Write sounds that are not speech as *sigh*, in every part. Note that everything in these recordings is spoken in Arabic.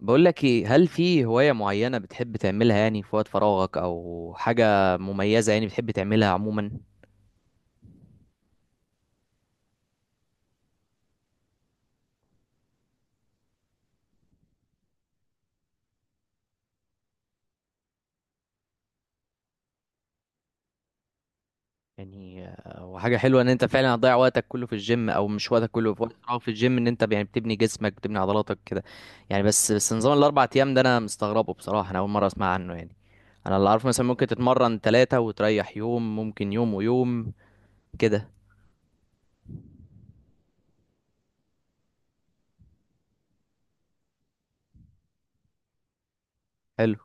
بقول لك ايه، هل في هواية معينة بتحب تعملها يعني في وقت فراغك او حاجة مميزة يعني بتحب تعملها عموما؟ يعني وحاجة حلوة ان انت فعلا هتضيع وقتك كله في الجيم، او مش وقتك كله، في وقت فراغك في الجيم، ان انت يعني بتبني جسمك بتبني عضلاتك كده. يعني بس نظام ال4 ايام ده انا مستغربه بصراحة، انا اول مرة اسمع عنه يعني. انا اللي عارفه مثلا ممكن تتمرن ثلاثة وتريح يوم، ممكن يوم ويوم كده. حلو.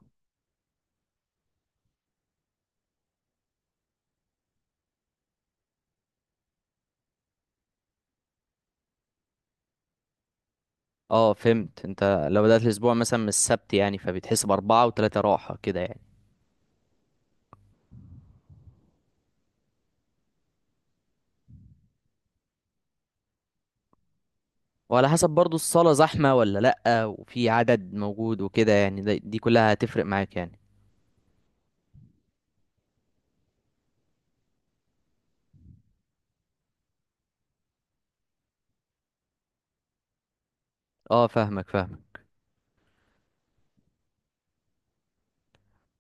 اه فهمت، انت لو بدأت الاسبوع مثلا من السبت يعني، فبتحس ب4 و3 راحة كده يعني. وعلى حسب برضو الصالة زحمة ولا لأ، وفي عدد موجود وكده يعني، دي كلها هتفرق معاك يعني. اه فاهمك فاهمك.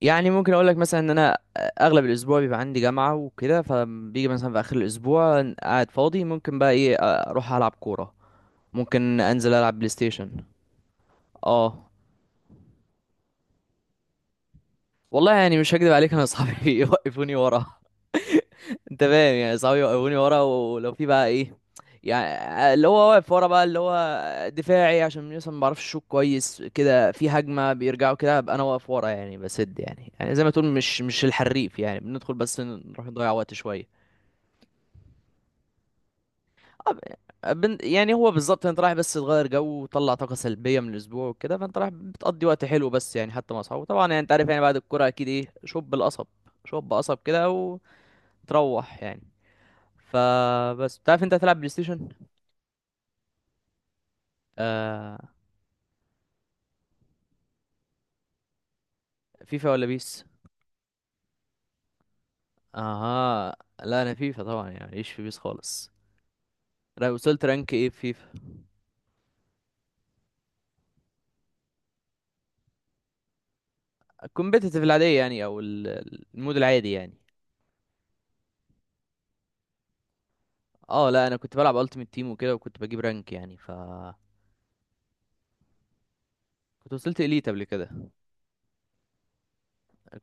يعني ممكن اقول لك مثلا ان انا اغلب الاسبوع بيبقى عندي جامعة وكده، فبيجي مثلا في اخر الاسبوع قاعد فاضي، ممكن بقى ايه، اروح العب كورة، ممكن انزل العب بلاي ستيشن. اه. والله يعني مش هكدب عليك، انا اصحابي *laughs* يوقفوني ورا. انت فاهم يعني، صحابي وقفوني ورا، ولو في بقى ايه، يعني اللي هو واقف ورا بقى، اللي هو دفاعي، عشان مثلا ما بعرفش اشوط كويس كده، في هجمه بيرجعوا كده ابقى انا واقف ورا، يعني بسد، يعني يعني زي ما تقول مش الحريف يعني، بندخل بس نروح نضيع وقت شويه. يعني هو بالظبط، انت رايح بس تغير جو وتطلع طاقه سلبيه من الاسبوع وكده، فانت رايح بتقضي وقت حلو، بس يعني حتى مع اصحابه طبعا، يعني انت عارف، يعني بعد الكوره اكيد ايه، شوب القصب. شوب قصب كده وتروح يعني. فبس بتعرف انت هتلعب بلاي ستيشن. آه فيفا ولا بيس؟ اها. لا انا فيفا طبعا يعني، ايش في بيس خالص. لا، وصلت رانك ايه في فيفا؟ الكومبيتيتيف العاديه يعني، او المود العادي يعني. اه لا انا كنت بلعب التيمت تيم وكده، وكنت بجيب رانك يعني، ف كنت وصلت اليت قبل كده.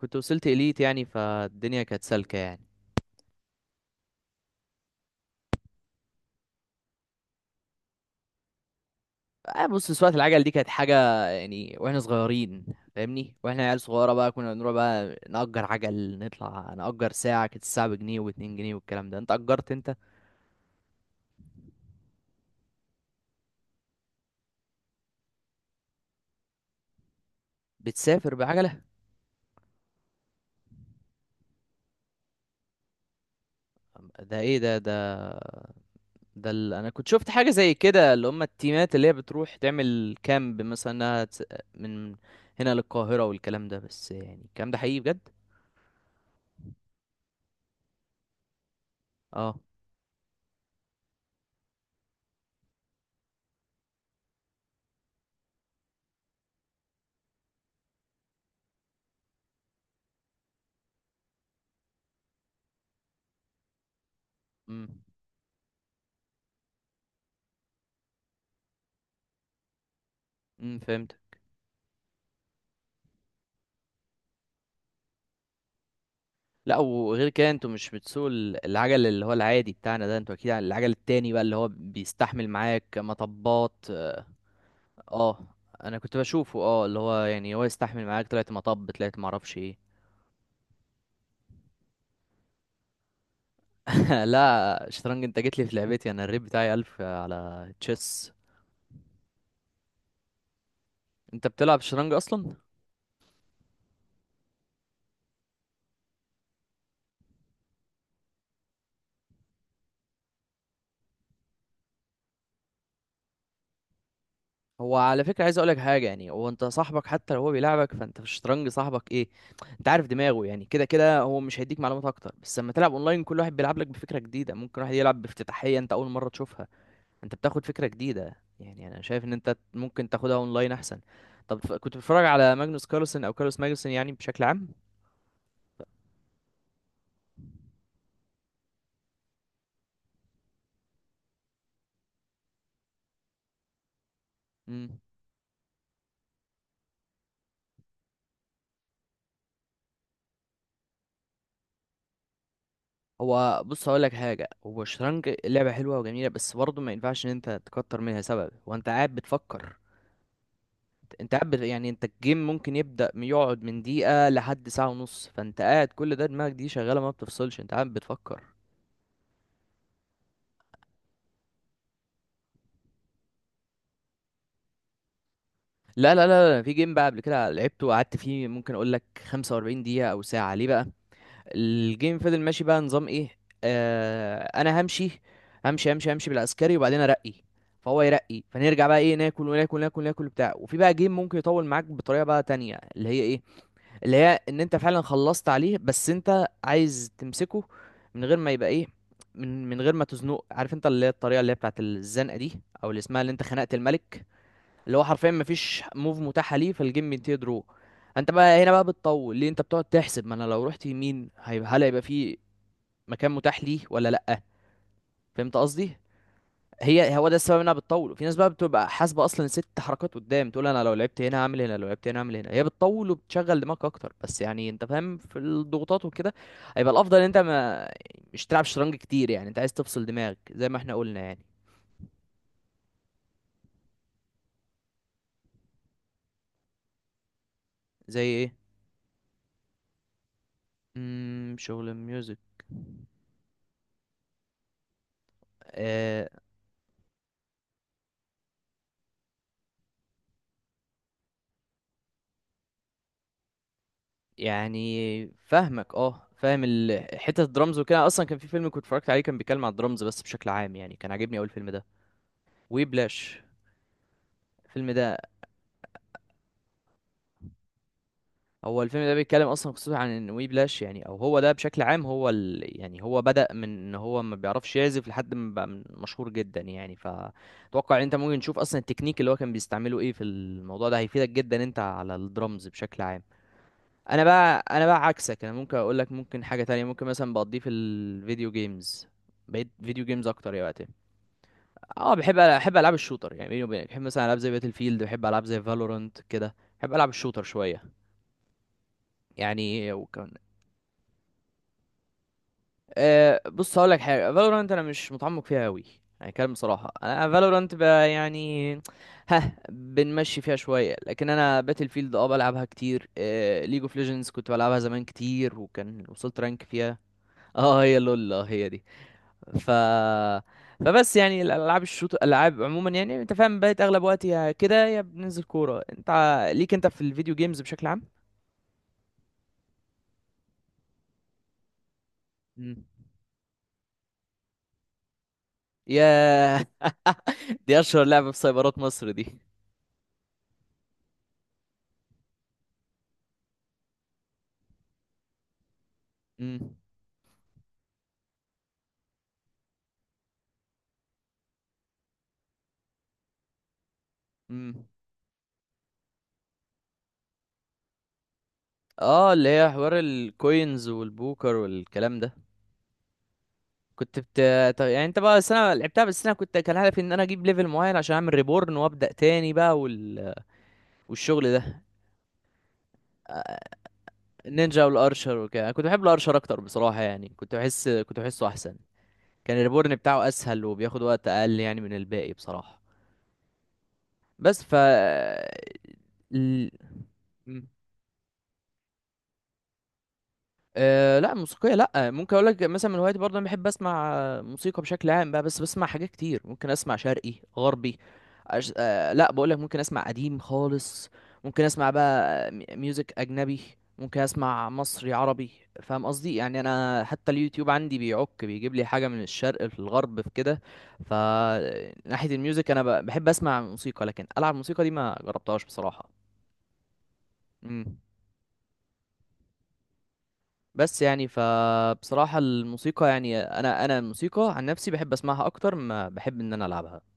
كنت وصلت اليت يعني، فالدنيا كانت سالكه يعني. آه بص، سواقة العجل دي كانت حاجة، يعني واحنا صغيرين. فاهمني، واحنا عيال صغيرة بقى كنا بنروح بقى نأجر عجل، نطلع نأجر ساعة، كانت الساعة ب1 و2 جنيه والكلام ده، انت أجرت انت؟ بتسافر بعجلة؟ ده ايه ده ده انا كنت شفت حاجه زي كده، اللي هم التيمات اللي هي بتروح تعمل كامب، مثلا من هنا للقاهره والكلام ده، بس يعني الكلام ده حقيقي بجد. اه. امم. فهمت. لا وغير كده، انتوا مش بتسوقوا العجل اللي هو العادي بتاعنا ده، انتوا اكيد على العجل التاني بقى، اللي هو بيستحمل معاك مطبات. اه انا كنت بشوفه، اه اللي هو يعني هو يستحمل معاك، طلعت مطب طلعت معرفش ايه. *laughs* لا شطرنج؟ انت جيت لي في لعبتي، انا الريت بتاعي 1000 على تشيس. انت بتلعب شطرنج اصلا؟ هو على فكره عايز اقولك حاجه، يعني هو انت صاحبك حتى لو هو بيلعبك، فانت في الشطرنج صاحبك ايه، انت عارف دماغه، يعني كده كده هو مش هيديك معلومات اكتر، بس لما تلعب اونلاين كل واحد بيلعب لك بفكره جديده، ممكن واحد يلعب بافتتاحيه انت اول مره تشوفها، انت بتاخد فكره جديده. يعني انا شايف ان انت ممكن تاخدها اونلاين احسن. طب كنت بتتفرج على ماجنوس كارلسن او كارلوس ماجنوسن يعني بشكل عام؟ امم. هو بص هقول لك حاجه، هو الشطرنج لعبه حلوه وجميله، بس برضه ما ينفعش ان انت تكتر منها، سبب وانت قاعد بتفكر، انت قاعد يعني انت الجيم ممكن يبدأ يقعد من دقيقة لحد ساعة ونص، فانت قاعد كل ده دماغك دي شغالة، ما بتفصلش، انت قاعد بتفكر. لا لا لا لا، في جيم بقى قبل كده لعبته وقعدت فيه ممكن اقول لك 45 دقيقة او ساعة، ليه بقى؟ الجيم فضل ماشي بقى نظام ايه، آه انا همشي، همشي همشي همشي بالعسكري وبعدين ارقي، فهو يرقي فنرجع بقى ايه، ناكل وناكل ناكل ناكل بتاع، وفي بقى جيم ممكن يطول معاك بطريقة بقى تانية، اللي هي ايه، اللي هي ان انت فعلا خلصت عليه بس انت عايز تمسكه، من غير ما يبقى ايه، من غير ما تزنقه، عارف انت اللي هي الطريقه اللي هي بتاعت الزنقه دي، او اللي اسمها اللي انت خنقت الملك، اللي هو حرفيا مفيش موف متاحه ليه، فالجيم بينتهي درو. انت بقى هنا بقى بتطول ليه، انت بتقعد تحسب، ما انا لو رحت يمين هيبقى، هل هيبقى في مكان متاح ليه ولا لا. فهمت قصدي. هي هو ده السبب انها بتطول، وفي ناس بقى بتبقى حاسبه اصلا 6 حركات قدام، تقول انا لو لعبت هنا هعمل هنا، لو لعبت هنا هعمل هنا، هي بتطول وبتشغل دماغك اكتر، بس يعني انت فاهم في الضغوطات وكده، هيبقى الافضل ان انت ما مش تلعب شطرنج كتير، يعني انت عايز تفصل دماغك زي ما احنا قلنا يعني. زي ايه؟ شغل الميوزك. آه. يعني فاهمك، اه فاهم حته الدرامز وكده، اصلا كان في فيلم كنت اتفرجت عليه كان بيتكلم عن الدرامز، بس بشكل عام يعني كان عاجبني اول الفيلم ده. وبلاش. الفيلم ده، هو الفيلم ده بيتكلم اصلا قصته عن ان، وي بلاش يعني، او هو ده بشكل عام، هو يعني هو بدأ من ان هو ما بيعرفش يعزف لحد ما بقى مشهور جدا يعني، فتوقع ان انت ممكن تشوف اصلا التكنيك اللي هو كان بيستعمله ايه في الموضوع ده، هيفيدك جدا انت على الدرمز بشكل عام. انا بقى عكسك، انا ممكن اقول لك ممكن حاجة تانية، ممكن مثلا بقضيه في الفيديو جيمز، بقيت فيديو جيمز اكتر يا وقتي. اه بحب العاب الشوتر، يعني بيني وبينك بحب مثلا العاب زي باتل فيلد، بحب العاب زي فالورانت كده، بحب العب الشوتر شوية. يعني وكان، أه بص هقول لك حاجه، فالورانت انا مش متعمق فيها قوي، يعني كلام بصراحه، انا فالورانت بقى يعني ها بنمشي فيها شويه، لكن انا باتل فيلد اه بلعبها كتير، أه ليج اوف ليجندز كنت بلعبها زمان كتير، وكان وصلت رانك فيها. اه هي لول، اه هي دي. ف فبس يعني الالعاب الشوت الالعاب عموما، يعني انت فاهم بقيت اغلب وقتي يا كده يا بننزل كوره، انت ليك انت في الفيديو جيمز بشكل عام؟ مم. يا *laughs* دي اشهر لعبه في سايبرات مصر دي. مم. امم. اه اللي هي حوار الكوينز والبوكر والكلام ده. كنت بت... طب يعني انت بقى، بس انا لعبتها بس انا كنت كان هدفي ان انا اجيب ليفل معين عشان اعمل ريبورن وابدا تاني بقى، والشغل ده. آه، النينجا والارشر وكده، انا كنت بحب الارشر اكتر بصراحه، يعني كنت بحس كنت بحسه احسن، كان الريبورن بتاعه اسهل وبياخد وقت اقل يعني من الباقي بصراحه. بس ف ال... أه لا موسيقية، لا ممكن اقول لك مثلا من هوايتي برضه، انا بحب اسمع آه، موسيقى بشكل عام بقى، بس بسمع حاجات كتير، ممكن اسمع شرقي غربي، أه لا بقول لك، ممكن اسمع قديم خالص، ممكن اسمع بقى ميوزك اجنبي، ممكن اسمع مصري عربي. فاهم قصدي، يعني انا حتى اليوتيوب عندي بيعك بيجيب لي حاجة من الشرق في الغرب في كده. ف ناحية الميوزك انا بحب اسمع موسيقى، لكن العب موسيقى دي ما جربتهاش بصراحة. إمم. بس يعني فبصراحة الموسيقى، يعني انا الموسيقى عن نفسي بحب اسمعها اكتر ما بحب ان انا العبها.